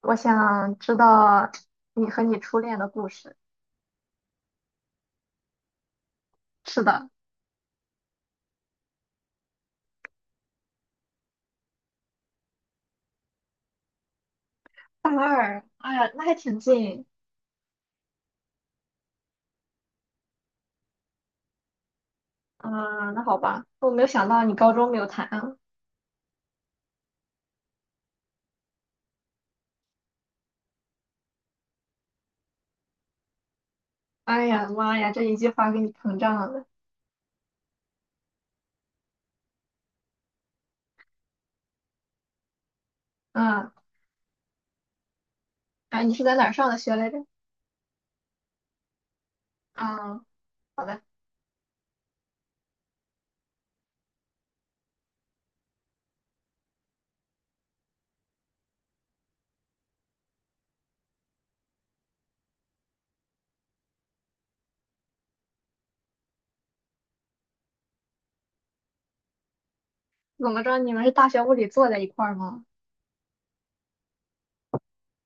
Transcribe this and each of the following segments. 我想知道你和你初恋的故事。是的，大二，哎呀，那还挺近。嗯，那好吧，我没有想到你高中没有谈啊。哎呀妈呀，这一句话给你膨胀了。嗯，哎，你是在哪儿上的学来着？啊，好的。怎么着，你们是大学物理坐在一块儿吗？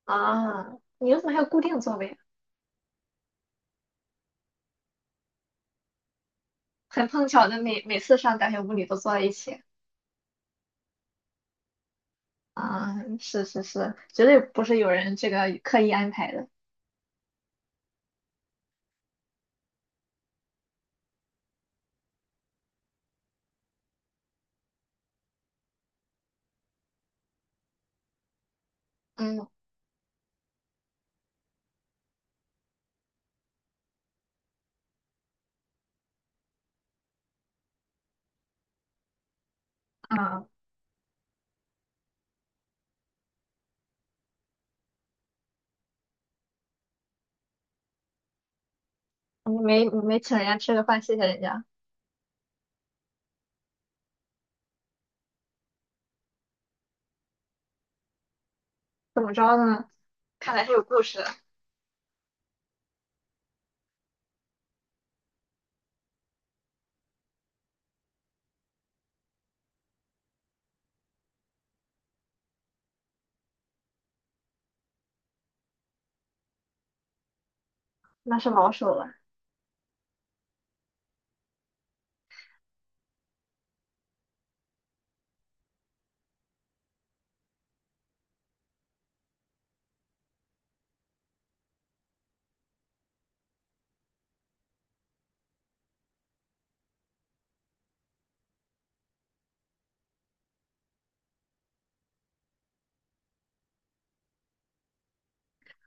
啊，你们怎么还有固定座位啊。很碰巧的每次上大学物理都坐在一起。啊，是是是，绝对不是有人这个刻意安排的。嗯。啊。你没请人家吃个饭，谢谢人家，怎么着呢？看来是有故事的，那是老手了。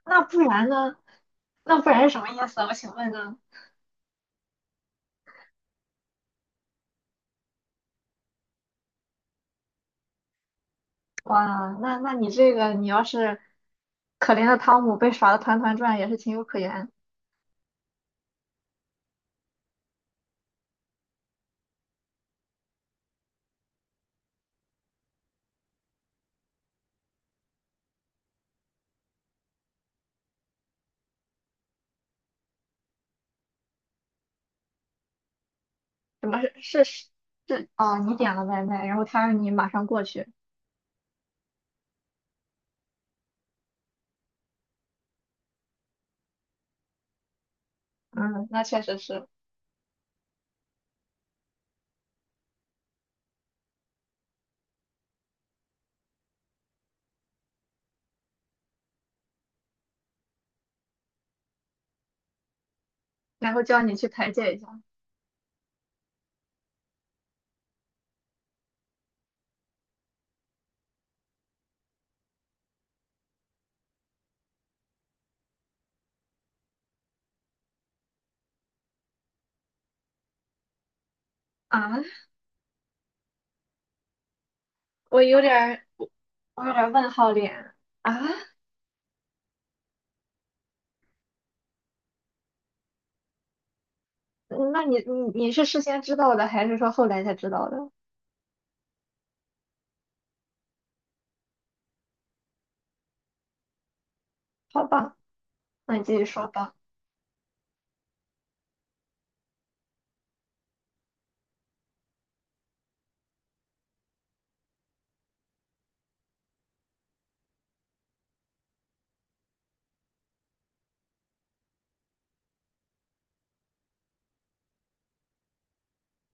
那不然呢？那不然是什么意思啊我请问呢？哇，那你这个，你要是可怜的汤姆被耍的团团转，也是情有可原。什么是是是？是哦，你点了外卖，然后他让你马上过去。嗯，那确实是，然后叫你去排解一下。啊，我有点儿，我有点儿问号脸啊。那你是事先知道的，还是说后来才知道的？好吧，那你继续说吧。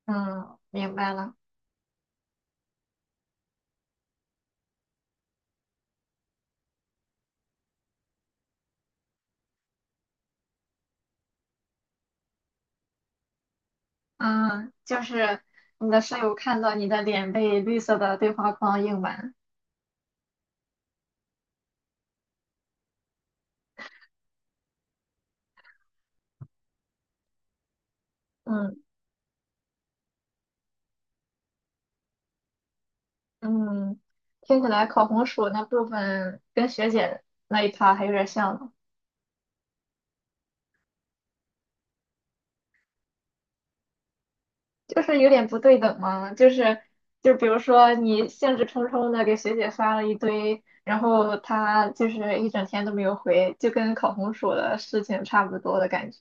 嗯，明白了。嗯，就是你的室友看到你的脸被绿色的对话框映满。嗯嗯，听起来烤红薯那部分跟学姐那一趴还有点像呢，就是有点不对等嘛。就是就比如说你兴致冲冲的给学姐发了一堆，然后她就是一整天都没有回，就跟烤红薯的事情差不多的感觉。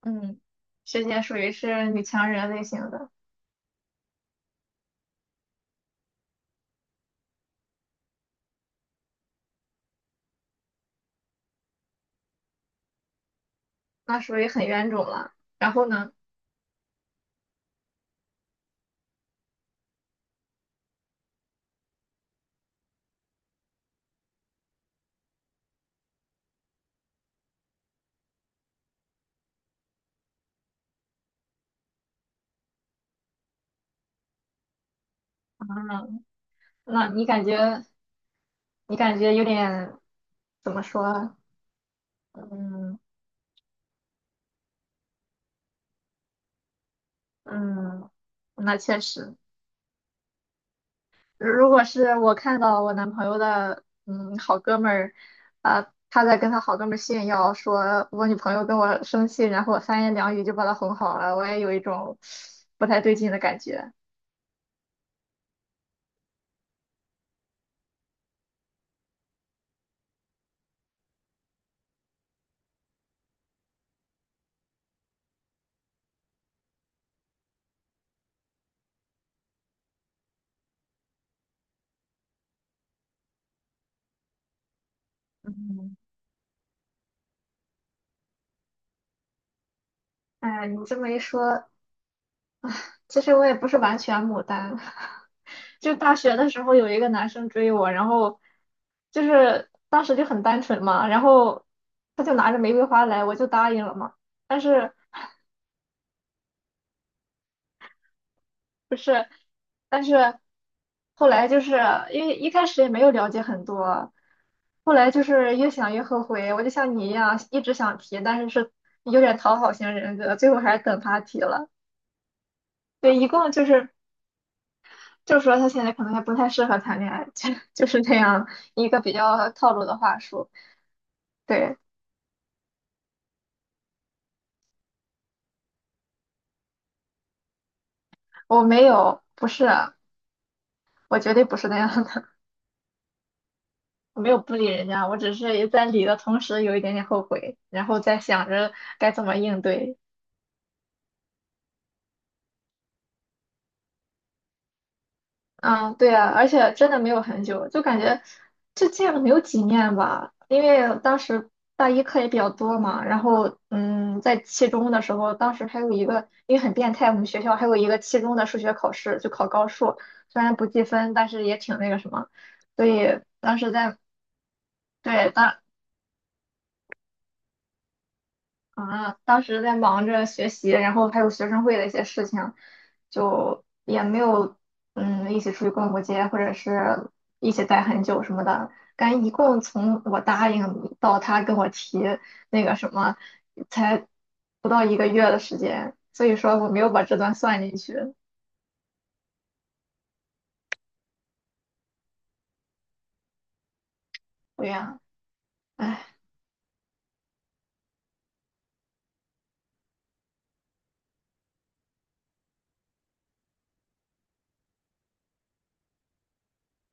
嗯，学姐属于是女强人类型的。那属于很冤种了。然后呢？那你感觉有点怎么说？嗯嗯，那确实，如果是我看到我男朋友的好哥们儿，啊，他在跟他好哥们儿炫耀说我女朋友跟我生气，然后我三言两语就把她哄好了，我也有一种不太对劲的感觉。嗯，哎，你这么一说，其实我也不是完全牡丹，就大学的时候有一个男生追我，然后就是当时就很单纯嘛，然后他就拿着玫瑰花来，我就答应了嘛。但是不是，但是后来就是因为一开始也没有了解很多，后来就是越想越后悔，我就像你一样一直想提，但是有点讨好型人格，最后还是等他提了。对，一共就是说他现在可能还不太适合谈恋爱，就是这样一个比较套路的话术。对，我没有，不是，我绝对不是那样的，我没有不理人家，我只是在理的同时有一点点后悔，然后在想着该怎么应对。啊，对啊，而且真的没有很久，就感觉就见了没有几面吧。因为当时大一课也比较多嘛，然后在期中的时候，当时还有一个，因为很变态，我们学校还有一个期中的数学考试，就考高数，虽然不计分，但是也挺那个什么，所以当时在。对，当时在忙着学习，然后还有学生会的一些事情，就也没有一起出去逛过街，或者是一起待很久什么的。感觉一共从我答应到他跟我提那个什么，才不到一个月的时间，所以说我没有把这段算进去。对呀，哎，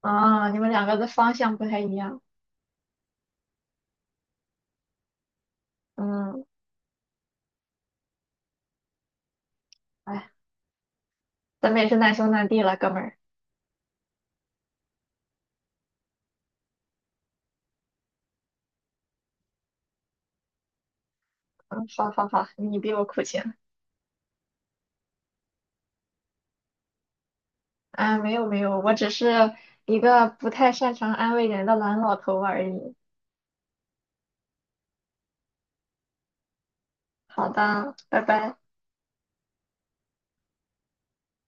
啊，你们两个的方向不太一样。嗯，哎，咱们也是难兄难弟了，哥们儿。嗯，好好好，你比我苦情。啊，没有没有，我只是一个不太擅长安慰人的懒老头而已。好的，拜拜。